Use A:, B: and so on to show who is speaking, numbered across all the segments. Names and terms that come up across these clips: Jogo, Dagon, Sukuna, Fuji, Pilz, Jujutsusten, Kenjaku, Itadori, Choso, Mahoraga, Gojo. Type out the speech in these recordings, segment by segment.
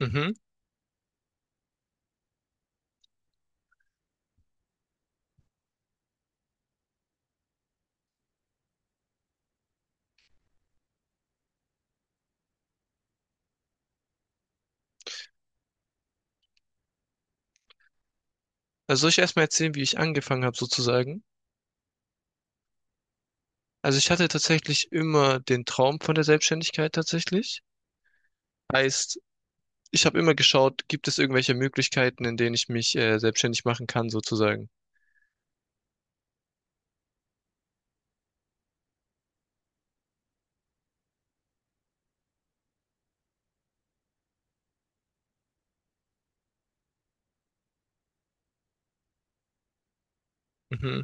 A: Mhm. Also soll ich erstmal erzählen, wie ich angefangen habe sozusagen? Also ich hatte tatsächlich immer den Traum von der Selbstständigkeit tatsächlich. Heißt, ich habe immer geschaut, gibt es irgendwelche Möglichkeiten, in denen ich mich selbstständig machen kann sozusagen. Mhm.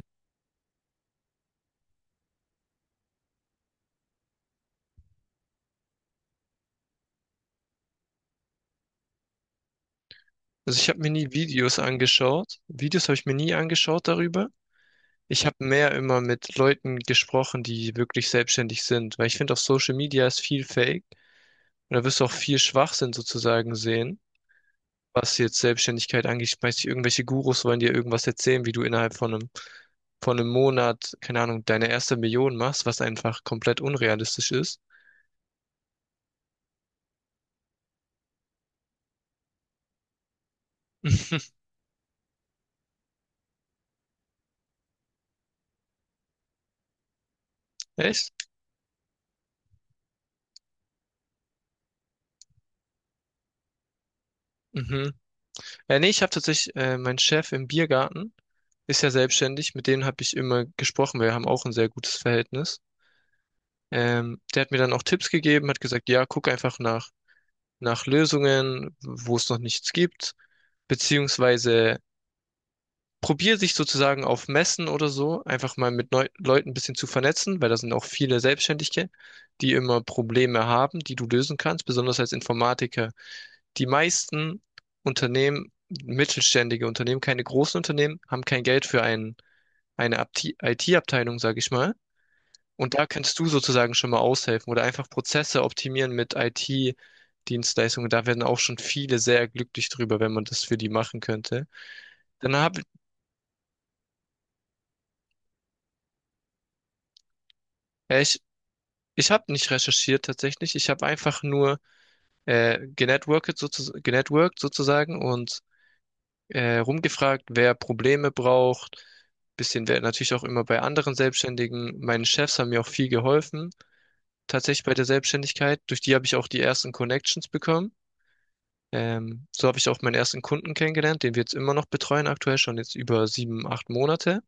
A: Also ich habe mir nie Videos angeschaut. Videos habe ich mir nie angeschaut darüber. Ich habe mehr immer mit Leuten gesprochen, die wirklich selbstständig sind, weil ich finde, auf Social Media ist viel Fake und da wirst du auch viel Schwachsinn sozusagen sehen. Was jetzt Selbstständigkeit angeht, schmeiß dich irgendwelche Gurus wollen dir irgendwas erzählen, wie du innerhalb von einem Monat, keine Ahnung, deine erste Million machst, was einfach komplett unrealistisch ist. Echt? Mhm. Nee, ich habe tatsächlich, mein Chef im Biergarten ist ja selbstständig, mit dem habe ich immer gesprochen, wir haben auch ein sehr gutes Verhältnis. Der hat mir dann auch Tipps gegeben, hat gesagt, ja, guck einfach nach, nach Lösungen, wo es noch nichts gibt, beziehungsweise probier dich sozusagen auf Messen oder so einfach mal mit Neu Leuten ein bisschen zu vernetzen, weil da sind auch viele Selbstständige, die immer Probleme haben, die du lösen kannst, besonders als Informatiker. Die meisten Unternehmen, mittelständige Unternehmen, keine großen Unternehmen, haben kein Geld für ein, eine IT-Abteilung, sage ich mal. Und da kannst du sozusagen schon mal aushelfen oder einfach Prozesse optimieren mit IT-Dienstleistungen. Da werden auch schon viele sehr glücklich drüber, wenn man das für die machen könnte. Dann habe ich Ich habe nicht recherchiert tatsächlich. Ich habe einfach nur genetworked, sozu genetworked sozusagen und rumgefragt, wer Probleme braucht. Bisschen wer natürlich auch immer bei anderen Selbstständigen. Meine Chefs haben mir auch viel geholfen, tatsächlich bei der Selbstständigkeit. Durch die habe ich auch die ersten Connections bekommen. So habe ich auch meinen ersten Kunden kennengelernt, den wir jetzt immer noch betreuen, aktuell schon jetzt über 7, 8 Monate.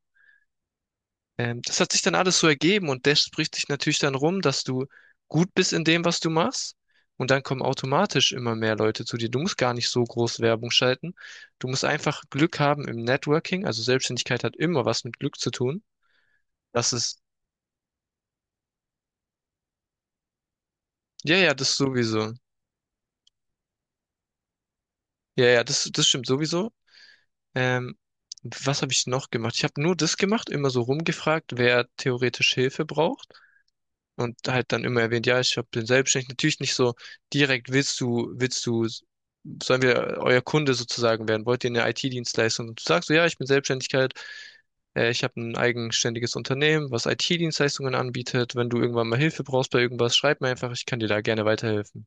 A: Das hat sich dann alles so ergeben und das spricht dich natürlich dann rum, dass du gut bist in dem, was du machst. Und dann kommen automatisch immer mehr Leute zu dir. Du musst gar nicht so groß Werbung schalten. Du musst einfach Glück haben im Networking. Also Selbstständigkeit hat immer was mit Glück zu tun. Das ist, ja, ja, das sowieso. Ja, ja, das stimmt sowieso. Ähm, Was habe ich noch gemacht? Ich habe nur das gemacht, immer so rumgefragt, wer theoretisch Hilfe braucht. Und halt dann immer erwähnt, ja, ich hab, bin selbstständig. Natürlich nicht so direkt, willst du, sollen wir euer Kunde sozusagen werden? Wollt ihr eine IT-Dienstleistung? Und du sagst so, ja, ich bin Selbstständigkeit, ich habe ein eigenständiges Unternehmen, was IT-Dienstleistungen anbietet. Wenn du irgendwann mal Hilfe brauchst bei irgendwas, schreib mir einfach, ich kann dir da gerne weiterhelfen.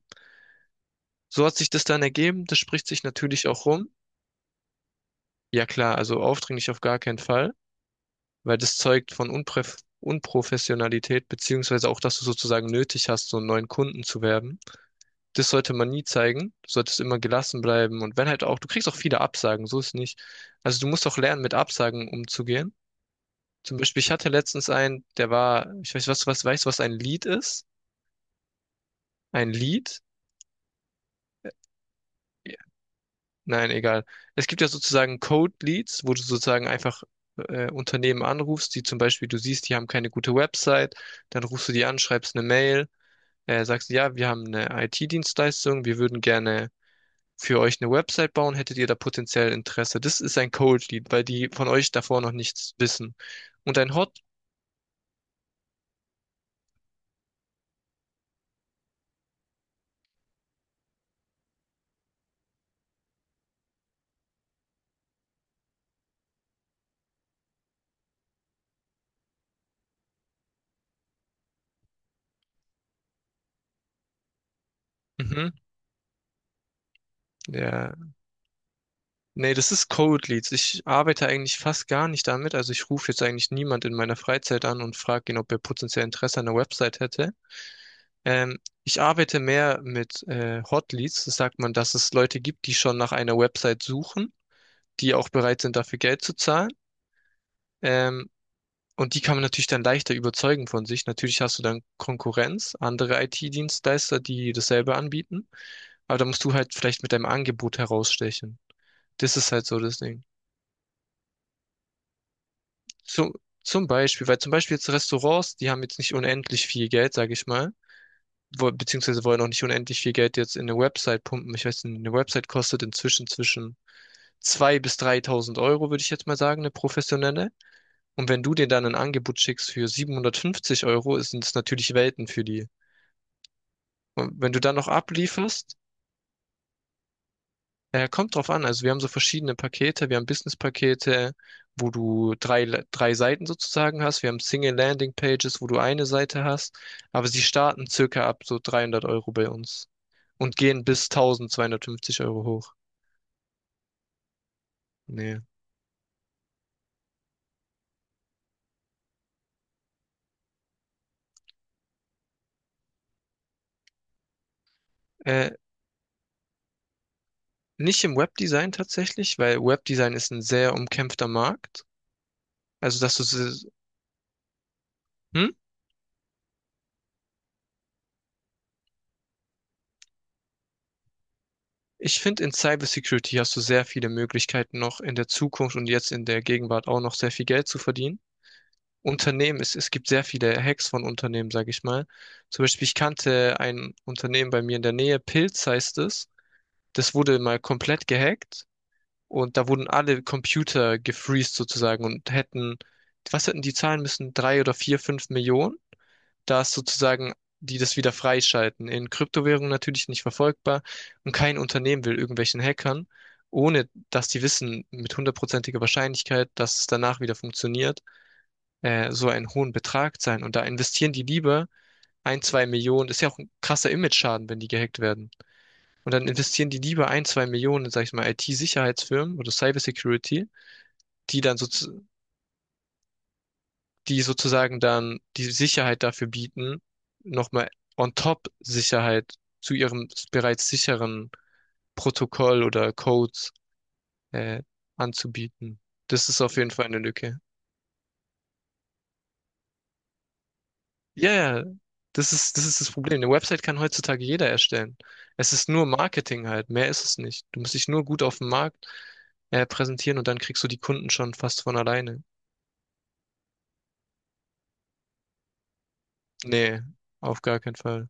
A: So hat sich das dann ergeben. Das spricht sich natürlich auch rum. Ja klar, also aufdringlich auf gar keinen Fall, weil das zeugt von Unpref Unprofessionalität, beziehungsweise auch, dass du sozusagen nötig hast, so einen neuen Kunden zu werben. Das sollte man nie zeigen. Du solltest immer gelassen bleiben. Und wenn halt auch, du kriegst auch viele Absagen, so ist nicht. Also du musst auch lernen, mit Absagen umzugehen. Zum Beispiel, ich hatte letztens einen, der war, ich weiß, was, weißt du, was ein Lead ist? Ein Lead? Ja, nein, egal. Es gibt ja sozusagen Cold Leads, wo du sozusagen einfach Unternehmen anrufst, die zum Beispiel, du siehst, die haben keine gute Website, dann rufst du die an, schreibst eine Mail, sagst, ja, wir haben eine IT-Dienstleistung, wir würden gerne für euch eine Website bauen, hättet ihr da potenziell Interesse. Das ist ein Cold Lead, weil die von euch davor noch nichts wissen. Und ein Hot, mhm, ja, nee, das ist Cold Leads. Ich arbeite eigentlich fast gar nicht damit. Also ich rufe jetzt eigentlich niemand in meiner Freizeit an und frage ihn, ob er potenziell Interesse an einer Website hätte. Ähm, Ich arbeite mehr mit Hot Leads. Das sagt man, dass es Leute gibt, die schon nach einer Website suchen, die auch bereit sind, dafür Geld zu zahlen. Ähm, Und die kann man natürlich dann leichter überzeugen von sich. Natürlich hast du dann Konkurrenz, andere IT-Dienstleister, die dasselbe anbieten. Aber da musst du halt vielleicht mit deinem Angebot herausstechen. Das ist halt so das Ding. Zum, zum Beispiel, weil zum Beispiel jetzt Restaurants, die haben jetzt nicht unendlich viel Geld, sage ich mal, wo, beziehungsweise wollen auch nicht unendlich viel Geld jetzt in eine Website pumpen. Ich weiß nicht, eine Website kostet inzwischen zwischen 2.000 bis 3.000 Euro, würde ich jetzt mal sagen, eine professionelle. Und wenn du dir dann ein Angebot schickst für 750 Euro, sind es natürlich Welten für die. Und wenn du dann noch ablieferst, kommt drauf an. Also wir haben so verschiedene Pakete. Wir haben Business-Pakete, wo du drei Seiten sozusagen hast. Wir haben Single-Landing-Pages, wo du eine Seite hast. Aber sie starten circa ab so 300 € bei uns und gehen bis 1.250 € hoch. Nee. Äh, Nicht im Webdesign tatsächlich, weil Webdesign ist ein sehr umkämpfter Markt. Also dass du, hm? Ich finde, in Cybersecurity hast du sehr viele Möglichkeiten noch in der Zukunft und jetzt in der Gegenwart auch noch sehr viel Geld zu verdienen. Unternehmen, es gibt sehr viele Hacks von Unternehmen, sage ich mal. Zum Beispiel, ich kannte ein Unternehmen bei mir in der Nähe, Pilz heißt es. Das wurde mal komplett gehackt und da wurden alle Computer gefreezed sozusagen und hätten, was hätten die zahlen müssen? Drei oder vier, fünf Millionen, dass sozusagen die das wieder freischalten. In Kryptowährungen natürlich nicht verfolgbar und kein Unternehmen will irgendwelchen Hackern, ohne dass die wissen mit hundertprozentiger Wahrscheinlichkeit, dass es danach wieder funktioniert so einen hohen Betrag sein. Und da investieren die lieber ein, zwei Millionen. Ist ja auch ein krasser Image-Schaden, wenn die gehackt werden. Und dann investieren die lieber ein, zwei Millionen, in, sag ich mal, IT-Sicherheitsfirmen oder Cybersecurity, die dann so, die sozusagen dann die Sicherheit dafür bieten, nochmal on top Sicherheit zu ihrem bereits sicheren Protokoll oder Codes äh, anzubieten. Das ist auf jeden Fall eine Lücke. Ja, ja, das ist das Problem. Eine Website kann heutzutage jeder erstellen. Es ist nur Marketing halt, mehr ist es nicht. Du musst dich nur gut auf dem Markt präsentieren und dann kriegst du die Kunden schon fast von alleine. Nee, auf gar keinen Fall.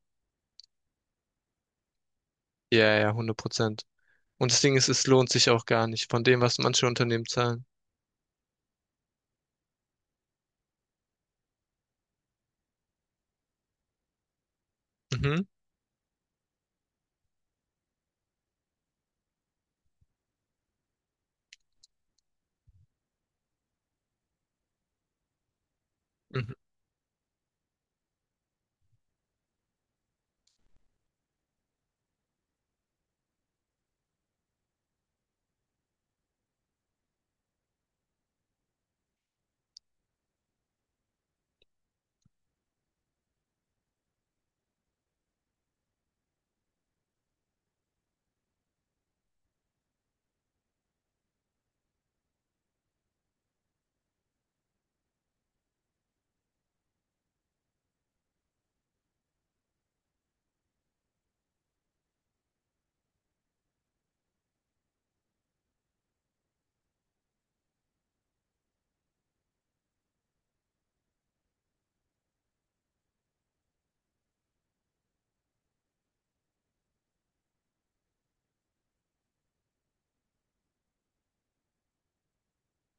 A: Ja, ja, 100%. Und das Ding ist, es lohnt sich auch gar nicht von dem, was manche Unternehmen zahlen. Mhm, mhm,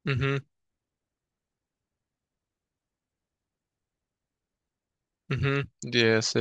A: mhm, mhm. Yes.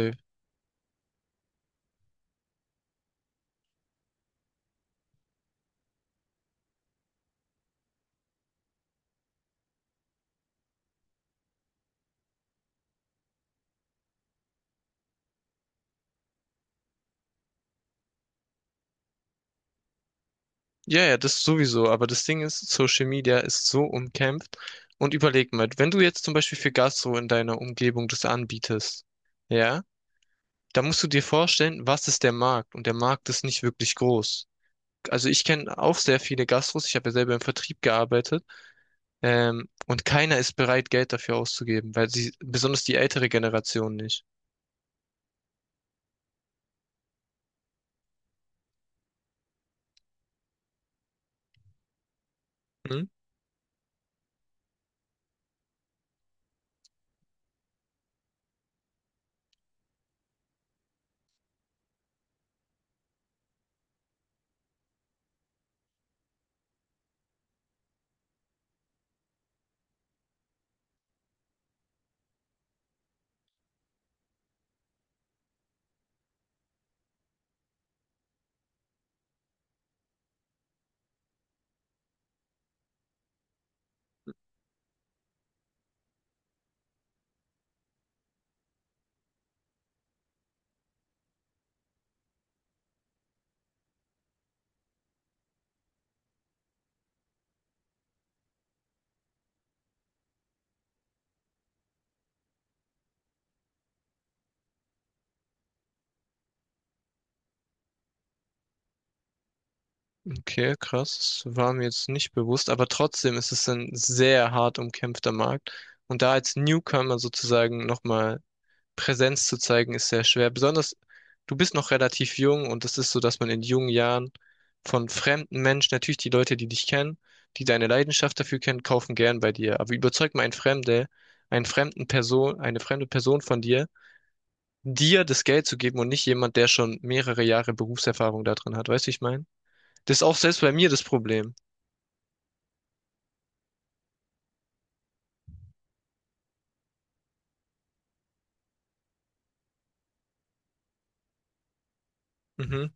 A: Ja, ja, das sowieso. Aber das Ding ist, Social Media ist so umkämpft. Und überleg mal, wenn du jetzt zum Beispiel für Gastro in deiner Umgebung das anbietest, ja, da musst du dir vorstellen, was ist der Markt? Und der Markt ist nicht wirklich groß. Also ich kenne auch sehr viele Gastros. Ich habe ja selber im Vertrieb gearbeitet. Und keiner ist bereit, Geld dafür auszugeben, weil sie, besonders die ältere Generation nicht. Okay, krass. War mir jetzt nicht bewusst, aber trotzdem ist es ein sehr hart umkämpfter Markt. Und da als Newcomer sozusagen nochmal Präsenz zu zeigen, ist sehr schwer. Besonders, du bist noch relativ jung und es ist so, dass man in jungen Jahren von fremden Menschen, natürlich die Leute, die dich kennen, die deine Leidenschaft dafür kennen, kaufen gern bei dir. Aber überzeug mal einen Fremde, einen fremden Person, eine fremde Person von dir, dir das Geld zu geben und nicht jemand, der schon mehrere Jahre Berufserfahrung da drin hat. Weißt du, wie ich meine? Das ist auch selbst bei mir das Problem. Mhm,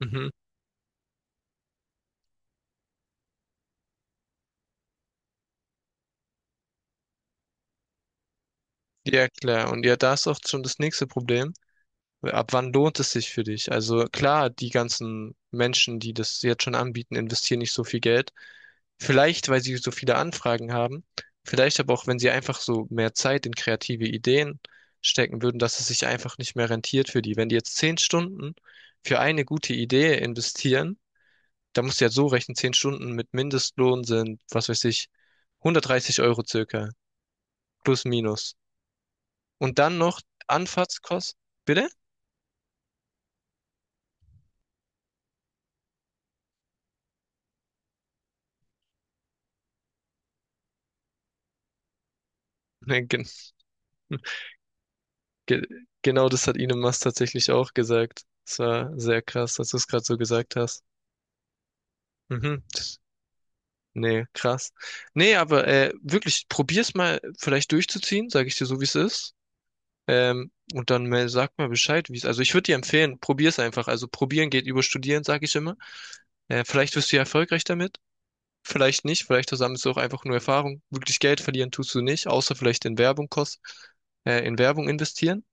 A: mhm. Ja, klar. Und ja, da ist auch schon das nächste Problem. Ab wann lohnt es sich für dich? Also klar, die ganzen Menschen, die das jetzt schon anbieten, investieren nicht so viel Geld. Vielleicht, weil sie so viele Anfragen haben. Vielleicht aber auch, wenn sie einfach so mehr Zeit in kreative Ideen stecken würden, dass es sich einfach nicht mehr rentiert für die. Wenn die jetzt 10 Stunden für eine gute Idee investieren, da musst du ja so rechnen, 10 Stunden mit Mindestlohn sind, was weiß ich, 130 € circa, plus minus. Und dann noch Anfahrtskosten. Bitte? Nee. ge genau das hat Ine Mast tatsächlich auch gesagt. Das war sehr krass, dass du es gerade so gesagt hast. Mhm. Nee, krass. Nee, aber wirklich, probier's mal vielleicht durchzuziehen, sage ich dir so, wie es ist. Und dann mal, sag mal Bescheid, wie es. Also ich würde dir empfehlen, probier's einfach. Also probieren geht über studieren, sage ich immer. Vielleicht wirst du ja erfolgreich damit. Vielleicht nicht, vielleicht versammelst du auch einfach nur Erfahrung. Wirklich Geld verlieren tust du nicht, außer vielleicht in Werbung investieren.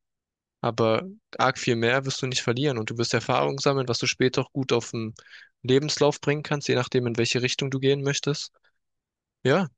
A: Aber arg viel mehr wirst du nicht verlieren und du wirst Erfahrung sammeln, was du später auch gut auf den Lebenslauf bringen kannst, je nachdem, in welche Richtung du gehen möchtest. Ja,